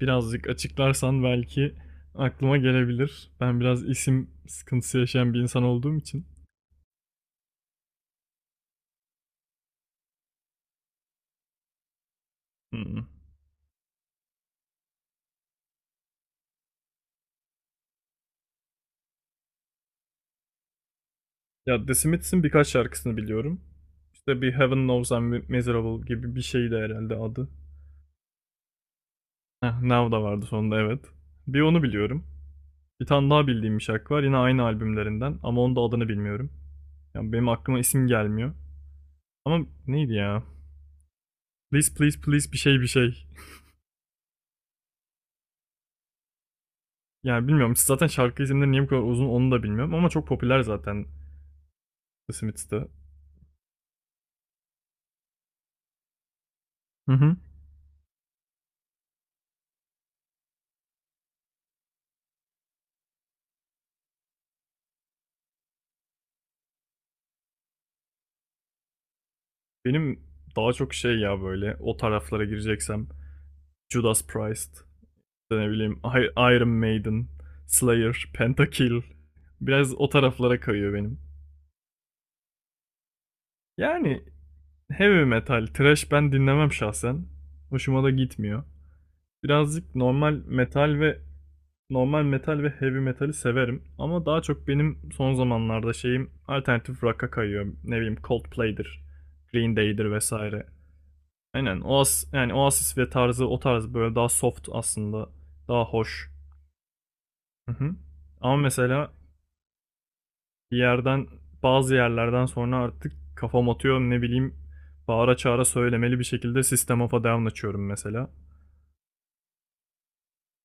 Birazcık açıklarsan belki aklıma gelebilir. Ben biraz isim sıkıntısı yaşayan bir insan olduğum için. Hmm. Ya The Smiths'in birkaç şarkısını biliyorum. İşte bir Heaven Knows I'm Miserable gibi bir şeydi herhalde adı. Heh, Now da vardı sonunda evet. Bir onu biliyorum. Bir tane daha bildiğim bir şarkı var yine aynı albümlerinden ama onun da adını bilmiyorum. Yani benim aklıma isim gelmiyor. Ama neydi ya? Please please please bir şey bir şey. Yani bilmiyorum zaten şarkı isimleri niye bu kadar uzun onu da bilmiyorum ama çok popüler zaten The Smiths'te. Hı hı. Benim daha çok şey ya böyle o taraflara gireceksem Judas Priest, işte ne bileyim Iron Maiden, Slayer, Pentakill biraz o taraflara kayıyor benim. Yani heavy metal, thrash ben dinlemem şahsen. Hoşuma da gitmiyor. Birazcık normal metal ve heavy metali severim ama daha çok benim son zamanlarda şeyim alternatif rock'a kayıyor. Ne bileyim Coldplay'dir, Green Day'dir vesaire. Aynen. Oasis ve tarzı o tarz böyle daha soft aslında. Daha hoş. Hı hı. Ama mesela bir yerden bazı yerlerden sonra artık kafam atıyor ne bileyim bağıra çağıra söylemeli bir şekilde System of a Down açıyorum mesela.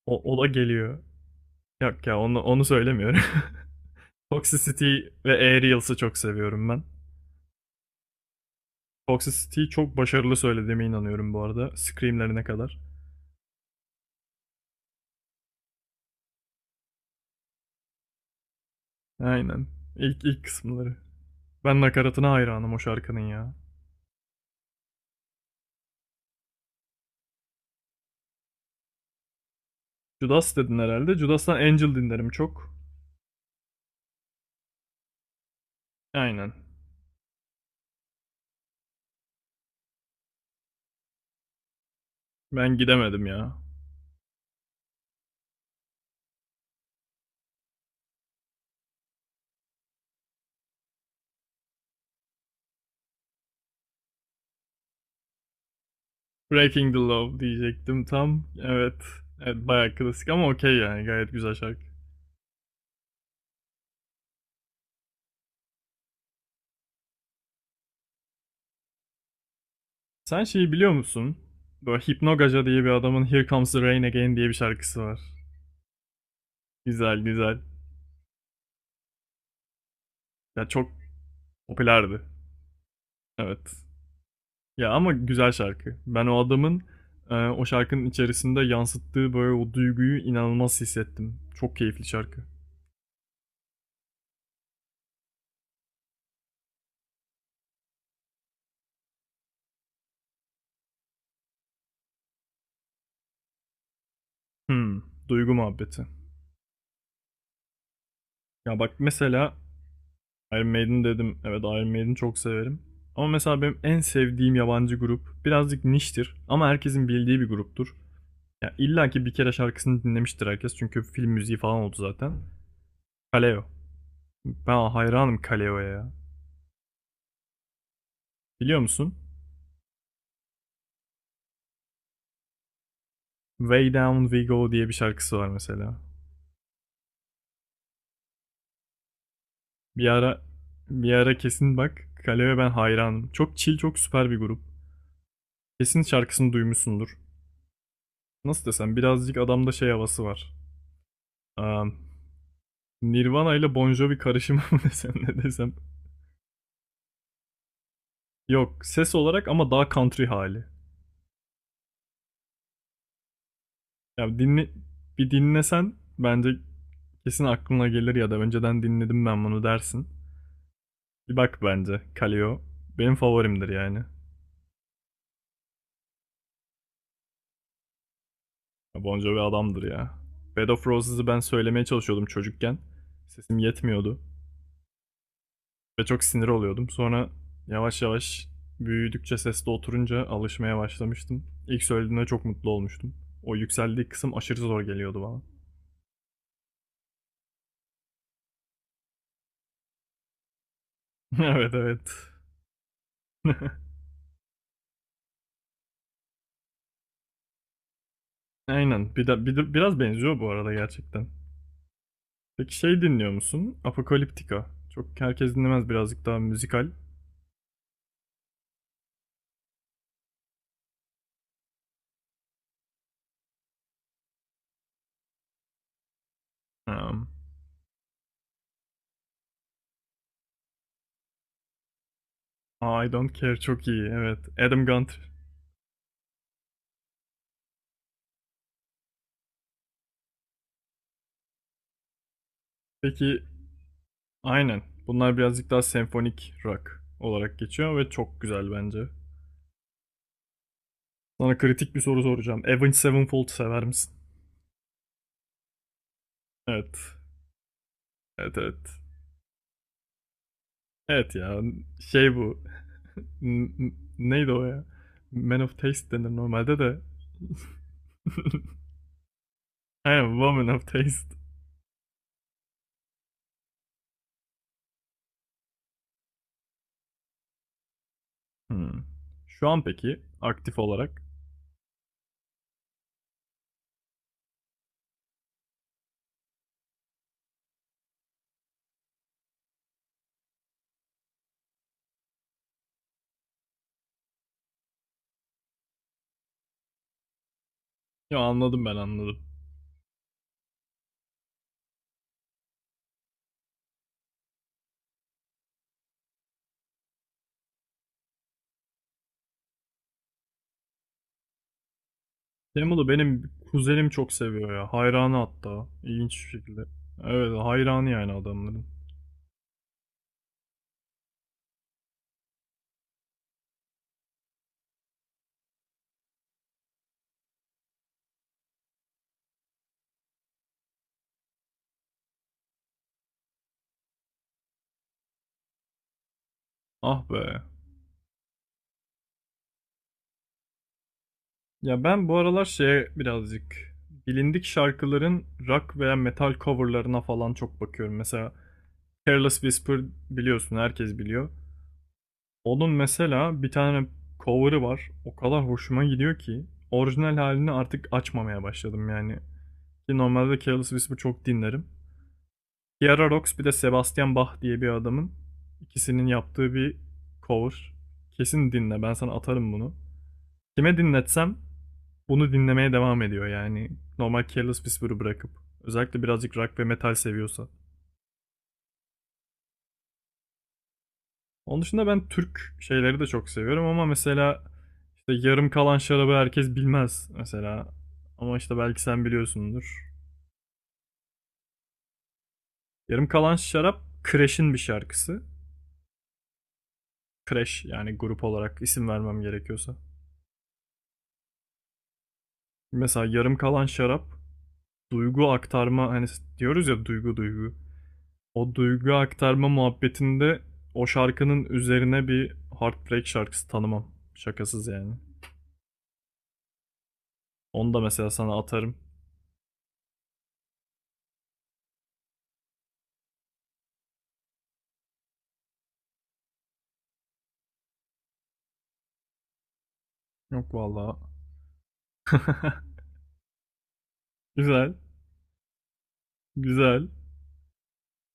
O da geliyor. Yok ya onu söylemiyorum. Toxicity ve Aerials'ı çok seviyorum ben. Toxicity'yi çok başarılı söylediğime inanıyorum bu arada. Screamlerine kadar. Aynen. İlk kısımları. Ben nakaratına hayranım o şarkının ya. Judas dedin herhalde. Judas'tan Angel dinlerim çok. Aynen. Ben gidemedim ya. Breaking the Law diyecektim tam. Evet. Evet bayağı klasik ama okey yani gayet güzel şarkı. Sen şeyi biliyor musun? Böyle Hypnogaja diye bir adamın Here Comes the Rain Again diye bir şarkısı var. Güzel güzel. Ya çok popülerdi. Evet. Ya ama güzel şarkı. Ben o adamın o şarkının içerisinde yansıttığı böyle o duyguyu inanılmaz hissettim. Çok keyifli şarkı. Hmm, duygu muhabbeti. Ya bak mesela Iron Maiden dedim. Evet Iron Maiden çok severim. Ama mesela benim en sevdiğim yabancı grup birazcık niştir ama herkesin bildiği bir gruptur. Ya illa ki bir kere şarkısını dinlemiştir herkes çünkü film müziği falan oldu zaten. Kaleo. Ben hayranım Kaleo'ya ya. Biliyor musun? Way Down We Go diye bir şarkısı var mesela. Bir ara bir ara kesin bak Kaleo'ya ben hayranım. Çok chill, çok süper bir grup. Kesin şarkısını duymuşsundur. Nasıl desem birazcık adamda şey havası var. Am, Nirvana ile Bon Jovi karışımı mı desem ne desem. Yok ses olarak ama daha country hali. Yani bir dinlesen bence kesin aklına gelir ya da önceden dinledim ben bunu dersin. Bir bak bence Kaleo benim favorimdir yani. Ya Bon Jovi adamdır ya. Bed of Roses'ı ben söylemeye çalışıyordum çocukken. Sesim yetmiyordu. Ve çok sinir oluyordum. Sonra yavaş yavaş büyüdükçe sesli oturunca alışmaya başlamıştım. İlk söylediğinde çok mutlu olmuştum. O yükseldiği kısım aşırı zor geliyordu bana. evet evet. Aynen. Biraz benziyor bu arada gerçekten. Peki şey dinliyor musun? Apocalyptica. Çok herkes dinlemez birazcık daha müzikal. Um, I Don't Care çok iyi. Evet. Adam Gunter. Peki aynen. Bunlar birazcık daha senfonik rock olarak geçiyor ve çok güzel bence. Sana kritik bir soru soracağım. Avenged Sevenfold sever misin? Evet. Evet evet. Evet ya şey bu. Neydi o ya? Man of Taste denir normalde de. Aynen Woman of Taste. Hmm. Şu an peki aktif olarak. Ya anladım. Demo'da benim kuzenim çok seviyor ya. Hayranı hatta. İlginç bir şekilde. Evet hayranı yani adamların. Ah be. Ya ben bu aralar şeye birazcık bilindik şarkıların rock veya metal coverlarına falan çok bakıyorum. Mesela Careless Whisper biliyorsun herkes biliyor. Onun mesela bir tane cover'ı var. O kadar hoşuma gidiyor ki orijinal halini artık açmamaya başladım yani. Ki normalde Careless Whisper çok dinlerim. Ciara Rocks bir de Sebastian Bach diye bir adamın ikisinin yaptığı bir cover. Kesin dinle ben sana atarım bunu. Kime dinletsem bunu dinlemeye devam ediyor yani. Normal Careless Whisper'ı bırakıp. Özellikle birazcık rock ve metal seviyorsa. Onun dışında ben Türk şeyleri de çok seviyorum ama mesela işte yarım kalan şarabı herkes bilmez mesela. Ama işte belki sen biliyorsundur. Yarım kalan şarap Crash'in bir şarkısı. Crash yani grup olarak isim vermem gerekiyorsa. Mesela yarım kalan şarap duygu aktarma hani diyoruz ya duygu duygu. O duygu aktarma muhabbetinde o şarkının üzerine bir Heartbreak şarkısı tanımam. Şakasız yani. Onu da mesela sana atarım. Yok vallahi. Güzel. Güzel.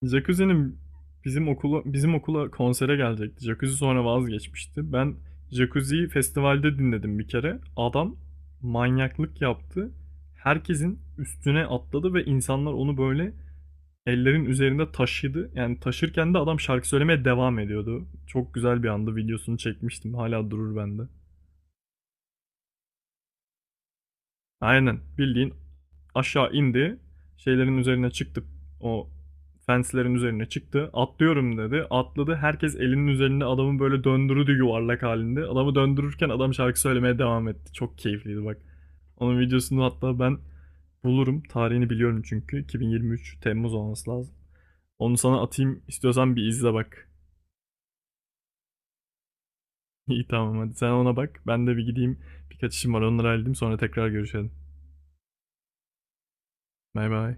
Jacuzzi'nin bizim okula konsere gelecekti. Jacuzzi sonra vazgeçmişti. Ben Jacuzzi'yi festivalde dinledim bir kere. Adam manyaklık yaptı. Herkesin üstüne atladı ve insanlar onu böyle ellerin üzerinde taşıdı. Yani taşırken de adam şarkı söylemeye devam ediyordu. Çok güzel bir andı. Videosunu çekmiştim. Hala durur bende. Aynen. Bildiğin aşağı indi. Şeylerin üzerine çıktı. O fenslerin üzerine çıktı. Atlıyorum dedi. Atladı. Herkes elinin üzerinde adamı böyle döndürdü yuvarlak halinde. Adamı döndürürken adam şarkı söylemeye devam etti. Çok keyifliydi bak. Onun videosunu hatta ben bulurum. Tarihini biliyorum çünkü. 2023 Temmuz olması lazım. Onu sana atayım. İstiyorsan bir izle bak. İyi tamam hadi sen ona bak. Ben de bir gideyim. Birkaç işim var onları halledeyim sonra tekrar görüşelim. Bay bay.